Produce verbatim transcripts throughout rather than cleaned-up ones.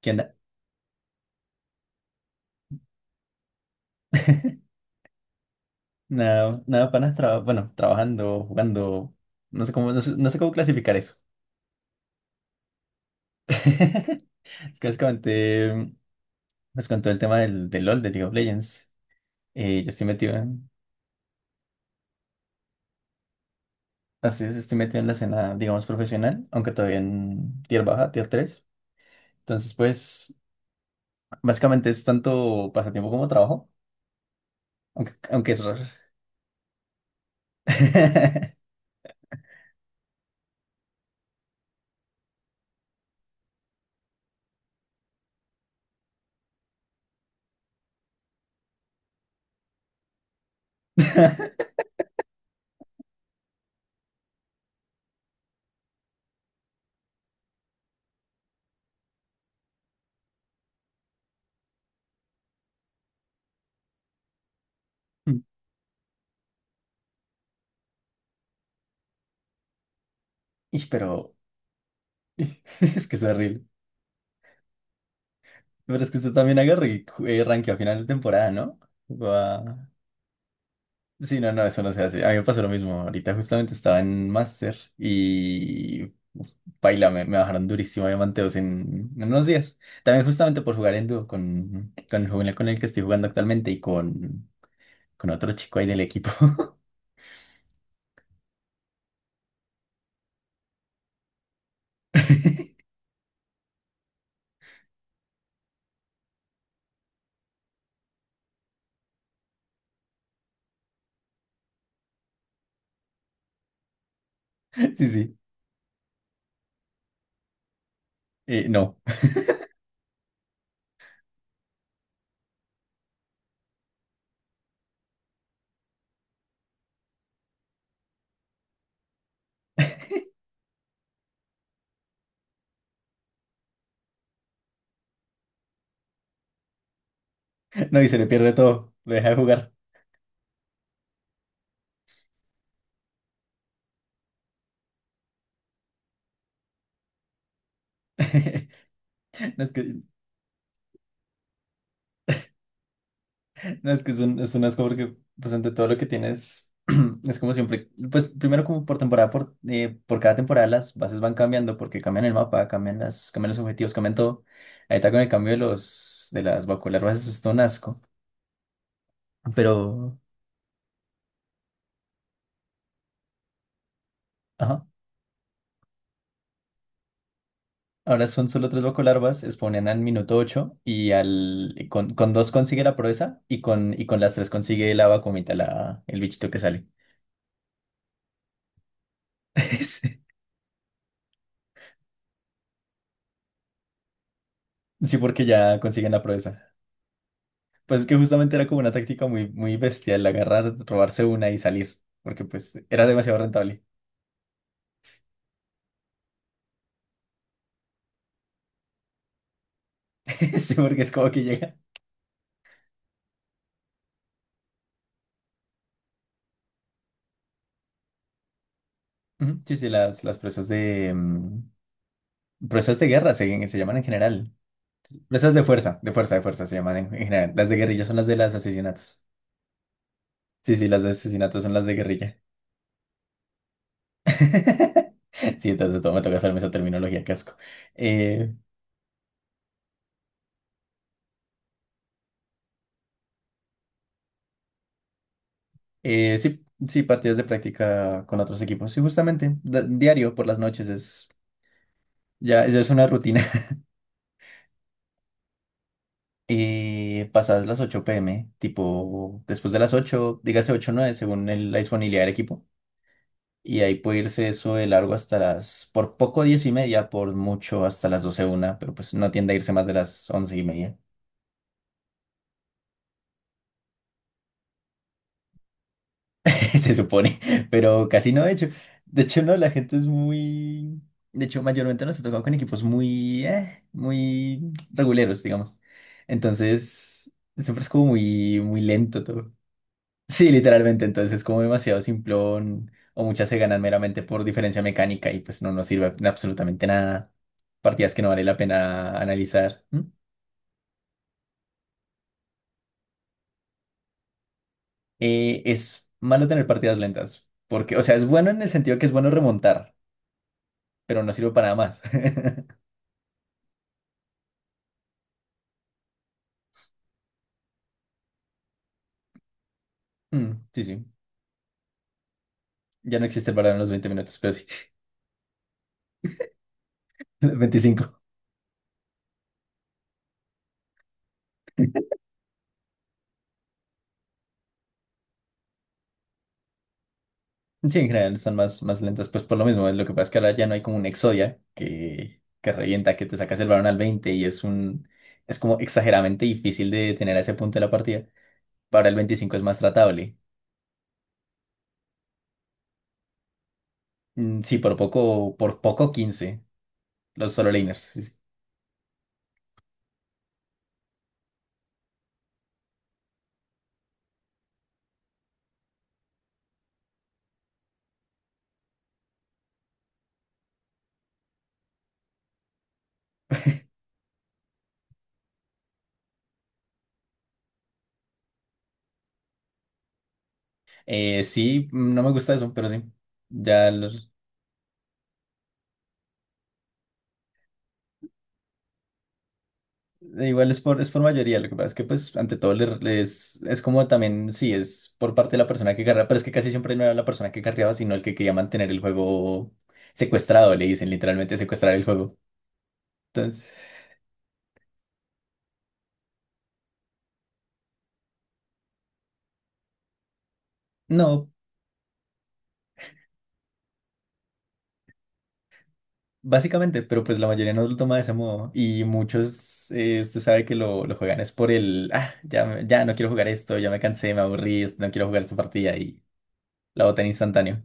¿Qué onda? Nada, nada, panas, traba- bueno, trabajando, jugando, no sé cómo, no sé, no sé cómo clasificar eso. Es que les comenté, les conté el tema del, del LOL, de League of Legends. Eh, yo estoy metido en, así es, estoy metido en la escena, digamos, profesional, aunque todavía en tier baja, tier tres. Entonces, pues, básicamente es tanto pasatiempo como trabajo, aunque, aunque es raro. Ish, pero, es que es horrible. Pero es que usted también agarre y ju- eh, rankeó a final de temporada, ¿no? Guau. Sí, no, no, eso no se hace. A mí me pasó lo mismo. Ahorita justamente estaba en Master y uf, paila, me, me bajaron durísimo a diamanteos en, en unos días. También justamente por jugar en dúo con, con el joven con el que estoy jugando actualmente y con, con otro chico ahí del equipo. Sí, sí. Eh, no, no, y se le pierde todo. Lo deja de jugar. No, es que No, es que es un, es un, asco porque, pues, ante todo lo que tienes, es como siempre, pues, primero como por temporada, por, eh, por cada temporada las bases van cambiando porque cambian el mapa, cambian las, cambian los objetivos, cambian todo. Ahí está con el cambio de los, de las bacolarvas, eso es todo un asco. Pero, ajá, ahora son solo tres bacolarvas, spawnan al minuto ocho y al, y con, con dos consigue la proeza y con, y con las tres consigue la vacumita, la, el bichito que sale. Sí, porque ya consiguen la proeza. Pues es que justamente era como una táctica muy, muy bestial, agarrar, robarse una y salir, porque pues era demasiado rentable. Sí, porque es como que llega. Ujú, sí, sí, las, las presas de... mm, presas de guerra se, se llaman en general. Presas de fuerza, de fuerza, de fuerza se llaman en, en general. Las de guerrilla son las de los asesinatos. Sí, sí, las de asesinatos son las de guerrilla. Sí, entonces todo me toca hacerme esa terminología, casco. Eh, eh, sí, sí, partidas de práctica con otros equipos. Sí, justamente, da- diario por las noches es. Ya, ya es una rutina. Y pasadas las ocho p m, tipo después de las ocho dígase ocho o nueve según el- la disponibilidad del equipo. Y ahí puede irse eso de largo hasta las, por poco diez y media, por mucho hasta las doce una, pero pues no tiende a irse más de las once y media. Se supone, pero casi no, de hecho. De hecho, no, la gente es muy. De hecho, mayormente nos ha tocado con equipos muy, eh, muy reguleros, digamos. Entonces, siempre es como muy, muy lento todo. Sí, literalmente, entonces es como demasiado simplón o muchas se ganan meramente por diferencia mecánica y pues no nos sirve absolutamente nada. Partidas que no vale la pena analizar. ¿Mm? Eh, es malo tener partidas lentas, porque, o sea, es bueno en el sentido que es bueno remontar, pero no sirve para nada más. Mm, sí, sí, ya no existe el balón en los veinte minutos, pero sí. Veinticinco. Sí, en general están más, más lentas, pues por lo mismo. Lo que pasa es que ahora ya no hay como un Exodia que, que revienta, que te sacas el balón al veinte y es un, es como exageradamente difícil de tener a ese punto de la partida. Para el veinticinco es más tratable. Mm, sí, por poco, por poco quince los solo laners. Sí, sí. Eh, sí, mm, no me gusta eso, pero sí. Ya los, Eh, Igual es por, es por mayoría, lo que pasa es que pues ante todo le- les, es como también, sí, es por parte de la persona que carrea, pero es que casi siempre no era la persona que carreaba, sino el que quería mantener el juego secuestrado, le dicen literalmente secuestrar el juego. Entonces, no, básicamente, pero pues la mayoría no lo toma de ese modo y muchos, eh, usted sabe que lo, lo juegan es por el, ah, ya, me- ya no quiero jugar esto, ya me cansé, me aburrí, no quiero jugar esta partida y la botan instantáneo.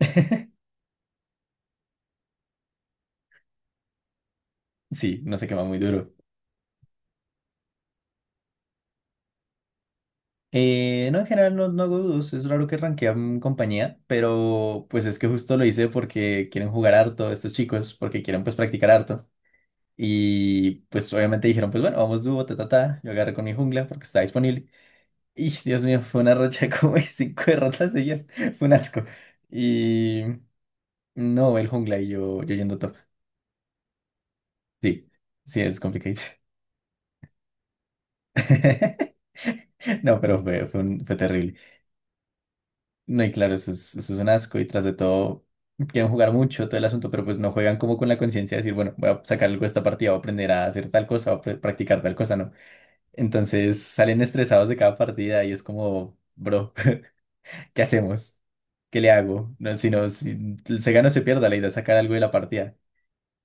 Sí, no se quema muy duro. Eh, no, en general no, no hago dudos, es raro que rankean compañía, pero pues es que justo lo hice porque quieren jugar harto estos chicos, porque quieren pues practicar harto. Y pues obviamente dijeron, pues bueno, vamos dúo, ta, ta, ta. Yo agarré con mi jungla porque estaba disponible. Y Dios mío, fue una racha como de cinco derrotas seguidas, fue un asco. Y no, el jungla y yo, yo, yendo top. Sí, sí, es complicado. No, pero fue, fue, un- fue terrible. No, y claro, eso es, eso es un asco y tras de todo quieren jugar mucho todo el asunto, pero pues no juegan como con la conciencia de decir, bueno, voy a sacar algo de esta partida, voy a aprender a hacer tal cosa, voy a pr- practicar tal cosa, ¿no? Entonces salen estresados de cada partida y es como, bro, ¿qué hacemos? ¿Qué le hago? No, si no, si se gana o se pierda, la idea es sacar algo de la partida.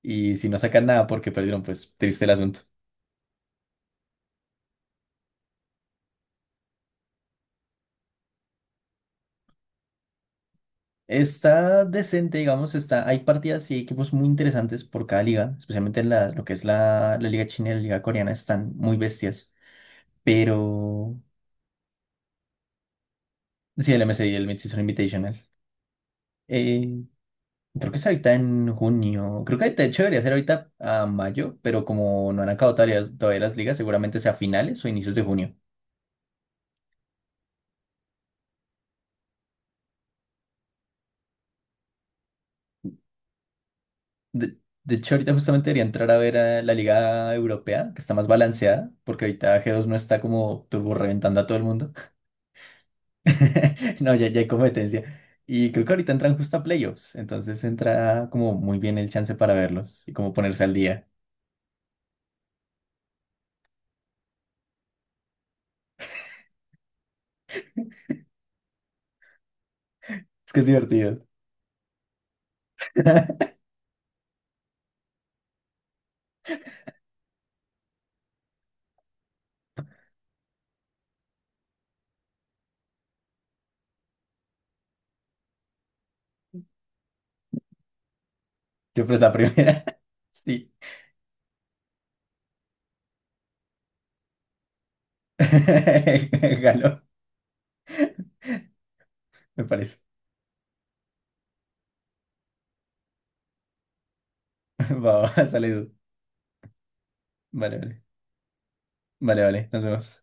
Y si no sacan nada porque perdieron, pues triste el asunto. Está decente, digamos, está, hay partidas y equipos muy interesantes por cada liga, especialmente en la, lo que es la, la liga china y la liga coreana, están muy bestias, pero sí, el M MSI y el Mid-Season Invitational. Eh, Creo que es ahorita en junio, creo que de hecho debería ser ahorita a mayo, pero como no han acabado todavía, todavía, las ligas, seguramente sea a finales o inicios de junio. De, de hecho, ahorita justamente debería entrar a ver a la liga europea, que está más balanceada, porque ahorita G dos no está como turbo reventando a todo el mundo. No, ya, ya hay competencia. Y creo que ahorita entran justo a playoffs, entonces entra como muy bien el chance para verlos y como ponerse al día. Es que es divertido. Siempre es la primera. Sí. Galo, me parece. Va, va, sale. Vale, vale. Vale, vale. Nos vemos.